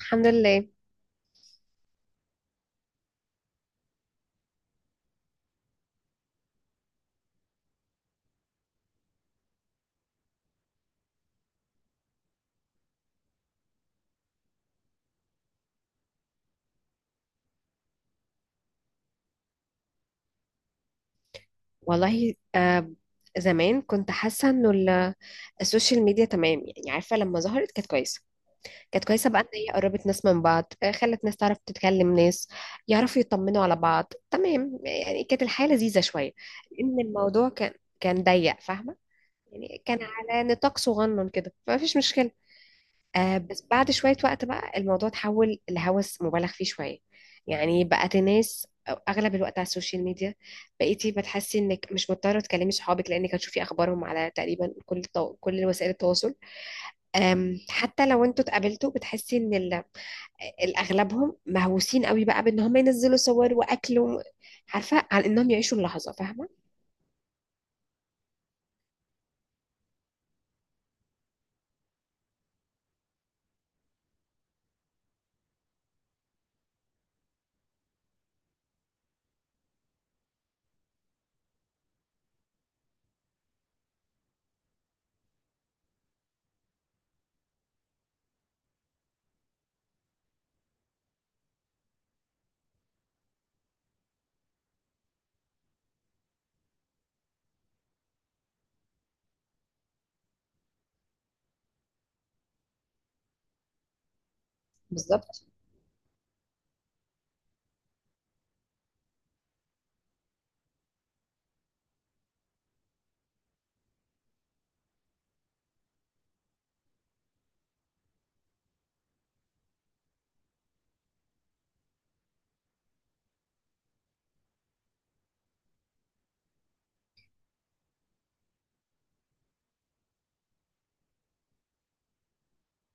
الحمد لله. والله، زمان كنت حاسه انه السوشيال ميديا تمام، يعني عارفه لما ظهرت كانت كويسه بقى ان هي قربت ناس من بعض، خلت ناس تعرف تتكلم، ناس يعرفوا يطمنوا على بعض، تمام يعني كانت الحياه لذيذه شويه. لان الموضوع كان ضيق، فاهمه؟ يعني كان على نطاق صغنن كده، فما فيش مشكله. بس بعد شوية وقت بقى الموضوع اتحول لهوس مبالغ فيه شوية. يعني بقت الناس أغلب الوقت على السوشيال ميديا. بقيتي بتحسي إنك مش مضطرة تكلمي صحابك، لأنك هتشوفي أخبارهم على تقريبا كل وسائل التواصل. أم حتى لو انتوا اتقابلتوا، بتحسي إن الأغلبهم مهووسين قوي، بقى بإن هم ينزلوا صور وأكل عارفة، عن إنهم يعيشوا اللحظة، فاهمة؟ بالظبط.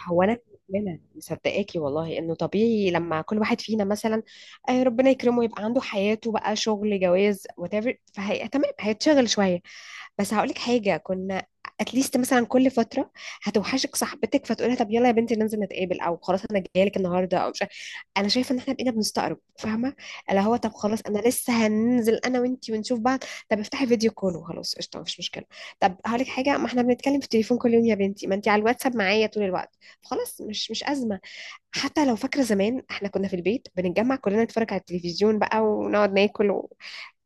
هو انا مؤمنه مصدقاكي والله انه طبيعي، لما كل واحد فينا مثلا ربنا يكرمه يبقى عنده حياته، بقى شغل، جواز، whatever، فهي تمام، هيتشغل شويه. بس هقولك حاجة، كنا اتليست مثلا كل فترة هتوحشك صاحبتك فتقولها طب يلا يا بنتي ننزل نتقابل، او خلاص انا جايلك النهاردة، او مش عارف- انا شايفة ان احنا بقينا بنستقرب، فاهمة؟ اللي هو طب خلاص انا لسه هننزل انا وانتي ونشوف بعض. طب افتحي فيديو كول وخلاص، قشطة، مفيش مشكلة. طب هقولك حاجة، ما احنا بنتكلم في التليفون كل يوم يا بنتي، ما انتي على الواتساب معايا طول الوقت، خلاص، مش أزمة. حتى لو فاكرة، زمان احنا كنا في البيت بنتجمع كلنا نتفرج على التلفزيون بقى ونقعد ناكل.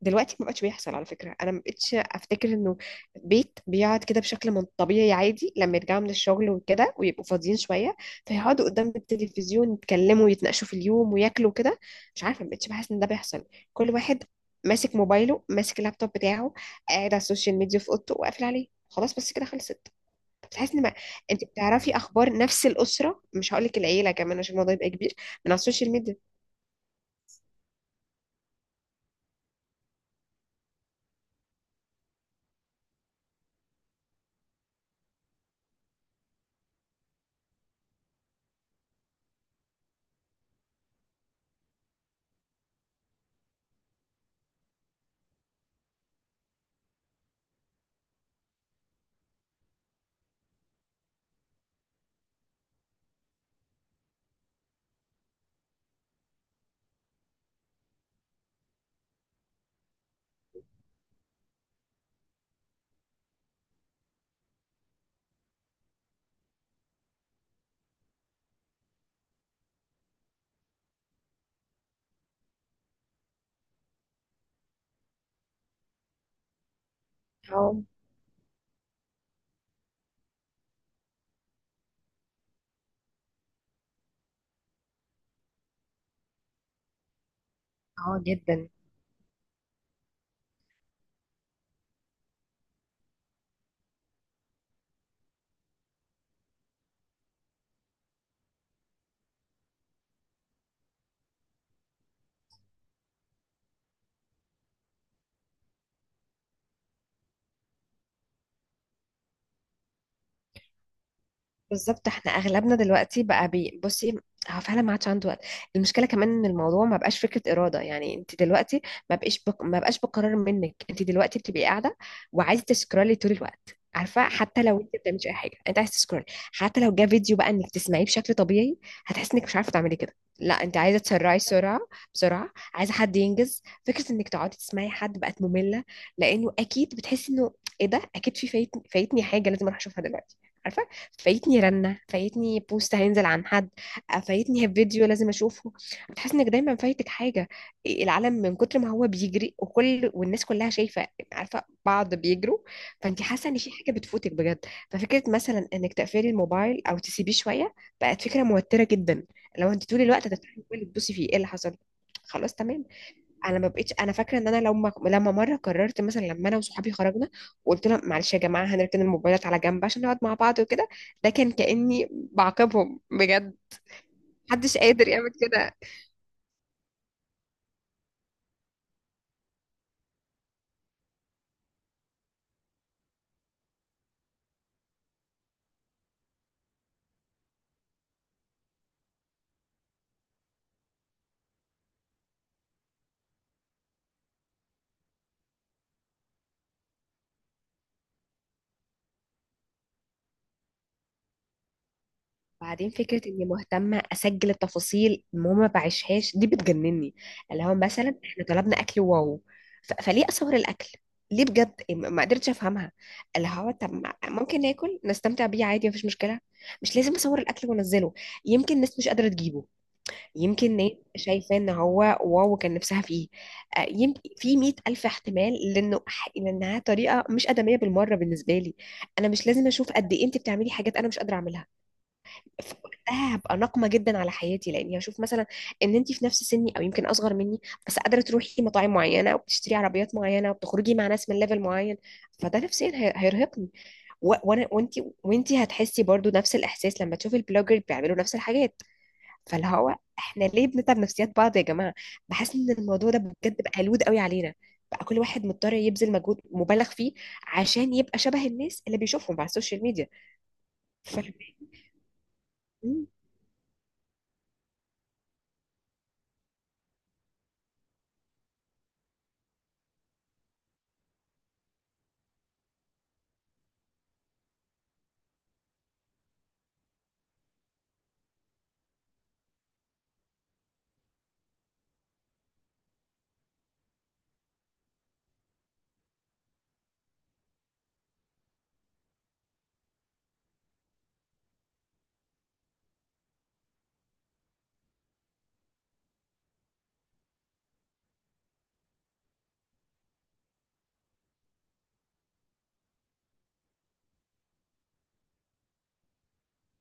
دلوقتي ما بقتش بيحصل، على فكرة، انا ما بقتش افتكر انه بيت بيقعد كده بشكل من طبيعي عادي، لما يرجعوا من الشغل وكده ويبقوا فاضيين شوية، فيقعدوا قدام التلفزيون يتكلموا ويتناقشوا في اليوم وياكلوا كده. مش عارفة، ما بقتش بحس ان ده بيحصل. كل واحد ماسك موبايله، ماسك اللابتوب بتاعه، قاعد على السوشيال ميديا في اوضته وقافل عليه، خلاص بس كده خلصت. بتحس ان ما... انت بتعرفي اخبار نفس الاسره، مش هقول لك العيله كمان عشان الموضوع يبقى كبير، من على السوشيال ميديا. اه. اه، جدا. بالظبط، احنا اغلبنا دلوقتي بقى بصي، هو فعلا ما عادش عنده وقت. المشكله كمان ان الموضوع ما بقاش فكره اراده، يعني انت دلوقتي ما بقاش بقرار منك، انت دلوقتي بتبقي قاعده وعايزه تسكرولي طول الوقت، عارفه؟ حتى لو انت ما بتعمليش اي حاجه انت عايزه تسكرولي. حتى لو جه فيديو، بقى انك تسمعيه بشكل طبيعي، هتحسي انك مش عارفه تعملي كده، لا انت عايزه تسرعي، سرعه بسرعه، عايزه حد ينجز، فكره انك تقعدي تسمعي حد بقت ممله. لانه اكيد بتحسي انه ايه ده، اكيد في فايتني حاجه لازم اروح اشوفها دلوقتي، عارفه؟ فايتني رنة، فايتني بوست هينزل عن حد، فايتني فيديو لازم اشوفه. بتحس انك دايما فايتك حاجة. العالم من كتر ما هو بيجري، وكل والناس كلها شايفة، عارفة بعض بيجروا، فانت حاسة ان في حاجة بتفوتك بجد. ففكرة مثلا انك تقفلي الموبايل او تسيبيه شوية بقت فكرة موترة جدا، لو انت طول الوقت هتفتحي الموبايل تبصي فيه ايه اللي حصل. خلاص، تمام. انا ما بقتش، انا فاكره ان انا لما مره قررت، مثلا لما انا وصحابي خرجنا وقلت لهم معلش يا جماعه هنركن الموبايلات على جنب عشان نقعد مع بعض وكده، ده كان كاني بعاقبهم بجد. محدش قادر يعمل كده. بعدين فكره اني مهتمه اسجل التفاصيل المهم ما بعيشهاش دي بتجنني. اللي هو مثلا احنا طلبنا اكل، واو، فليه اصور الاكل؟ ليه بجد، ما قدرتش افهمها. اللي هو طب ممكن ناكل نستمتع بيه عادي، مفيش مشكله. مش لازم اصور الاكل وانزله. يمكن الناس مش قادره تجيبه، يمكن ناس شايفة ان هو واو كان نفسها فيه، يمكن في 100 ألف احتمال، لأنها طريقة مش آدمية بالمرة بالنسبة لي. أنا مش لازم أشوف قد إيه أنت بتعملي حاجات أنا مش قادرة أعملها. فوقتها هبقى ناقمة جدا على حياتي، لأني هشوف مثلا إن أنت في نفس سني أو يمكن أصغر مني، بس قادرة تروحي مطاعم معينة وبتشتري عربيات معينة وبتخرجي مع ناس من ليفل معين. فده نفسيا هيرهقني، وأنا وأنت، وأنت هتحسي برضو نفس الإحساس لما تشوفي البلوجر بيعملوا نفس الحاجات. فاللي هو احنا ليه بنتعب نفسيات بعض يا جماعه؟ بحس ان الموضوع ده بجد بقى لود قوي علينا، بقى كل واحد مضطر يبذل مجهود مبالغ فيه عشان يبقى شبه الناس اللي بيشوفهم على السوشيال ميديا. ف... مم.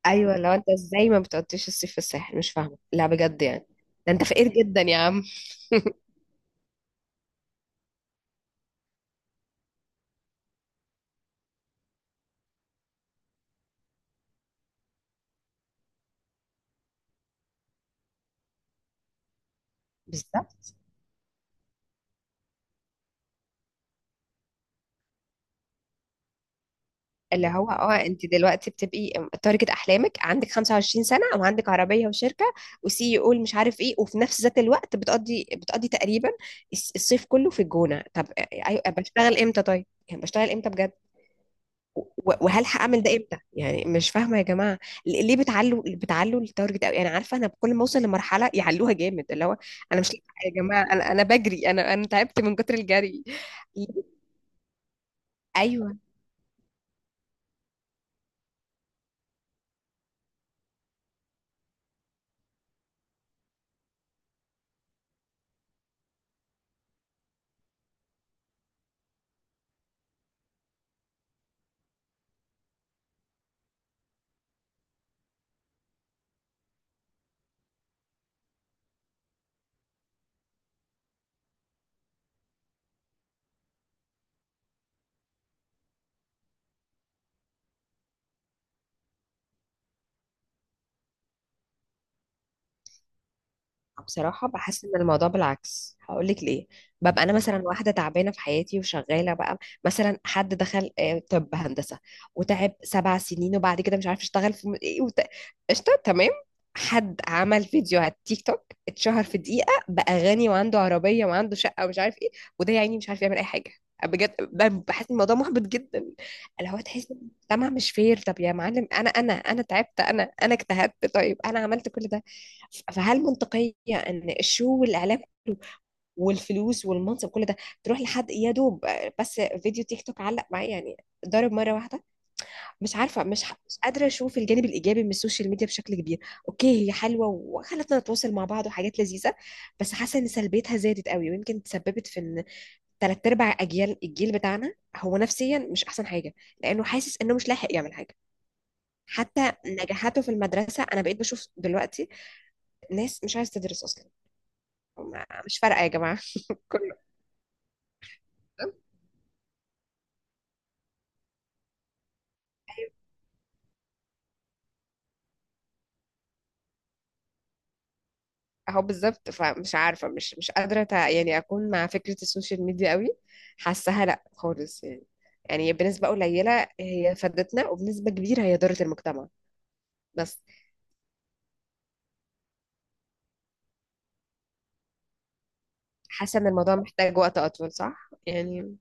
ايوه، لو انت ازاي ما بتقضيش الصيف في الساحل، مش فاهمه لا، بجد يعني. ده انت فقير جدا يا عم. بالظبط. اللي هو اه، انت دلوقتي بتبقي تارجت احلامك، عندك 25 سنه وعندك عربيه وشركه، وسي او مش عارف ايه، وفي نفس ذات الوقت بتقضي تقريبا الصيف كله في الجونه. طب ايوه، بشتغل امتى؟ طيب يعني بشتغل امتى بجد؟ وهل هعمل ده امتى يعني؟ مش فاهمه يا جماعه. ليه بتعلوا التارجت قوي؟ انا عارفه، انا كل ما اوصل لمرحله يعلوها جامد، اللي هو انا مش لاحقة يا جماعه، انا بجري، انا تعبت من كتر الجري. ايوه. بصراحة بحس إن الموضوع بالعكس، هقولك ليه. ببقى أنا مثلا واحدة تعبانة في حياتي وشغالة بقى، مثلا حد دخل، طب هندسة، وتعب 7 سنين وبعد كده مش عارف يشتغل في قشطة، تمام. حد عمل فيديو على التيك توك، اتشهر في دقيقة، بقى غني وعنده عربية وعنده شقة ومش عارف إيه. وده يا عيني مش عارف يعمل أي حاجة، بجد، بحس إن الموضوع محبط جدا. اللي هو تحس إن المجتمع مش فير. طب يا معلم، أنا تعبت، أنا اجتهدت، طيب أنا عملت كل ده، فهل منطقية إن الشو والإعلام والفلوس والمنصب كل ده تروح لحد يا دوب بس فيديو تيك توك علق معايا يعني، ضرب مرة واحدة؟ مش عارفة، مش قادرة أشوف الجانب الإيجابي من السوشيال ميديا بشكل كبير. أوكي، هي حلوة وخلتنا نتواصل مع بعض، وحاجات لذيذة، بس حاسة إن سلبيتها زادت قوي، ويمكن تسببت في إن تلات أرباع أجيال الجيل بتاعنا هو نفسيا مش أحسن حاجة، لأنه حاسس إنه مش لاحق يعمل حاجة. حتى نجاحاته في المدرسة، أنا بقيت بشوف دلوقتي ناس مش عايزة تدرس أصلا. مش فارقة يا جماعة، كله. اهو بالظبط، فمش عارفة، مش قادرة يعني اكون مع فكرة السوشيال ميديا قوي. حاساها لا، خالص يعني. يعني بنسبة قليلة هي فادتنا، وبنسبة كبيرة هي ضرت المجتمع، بس. حاسة ان الموضوع محتاج وقت اطول، صح يعني.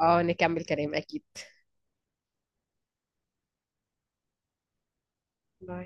اه، نكمل كلام اكيد. باي.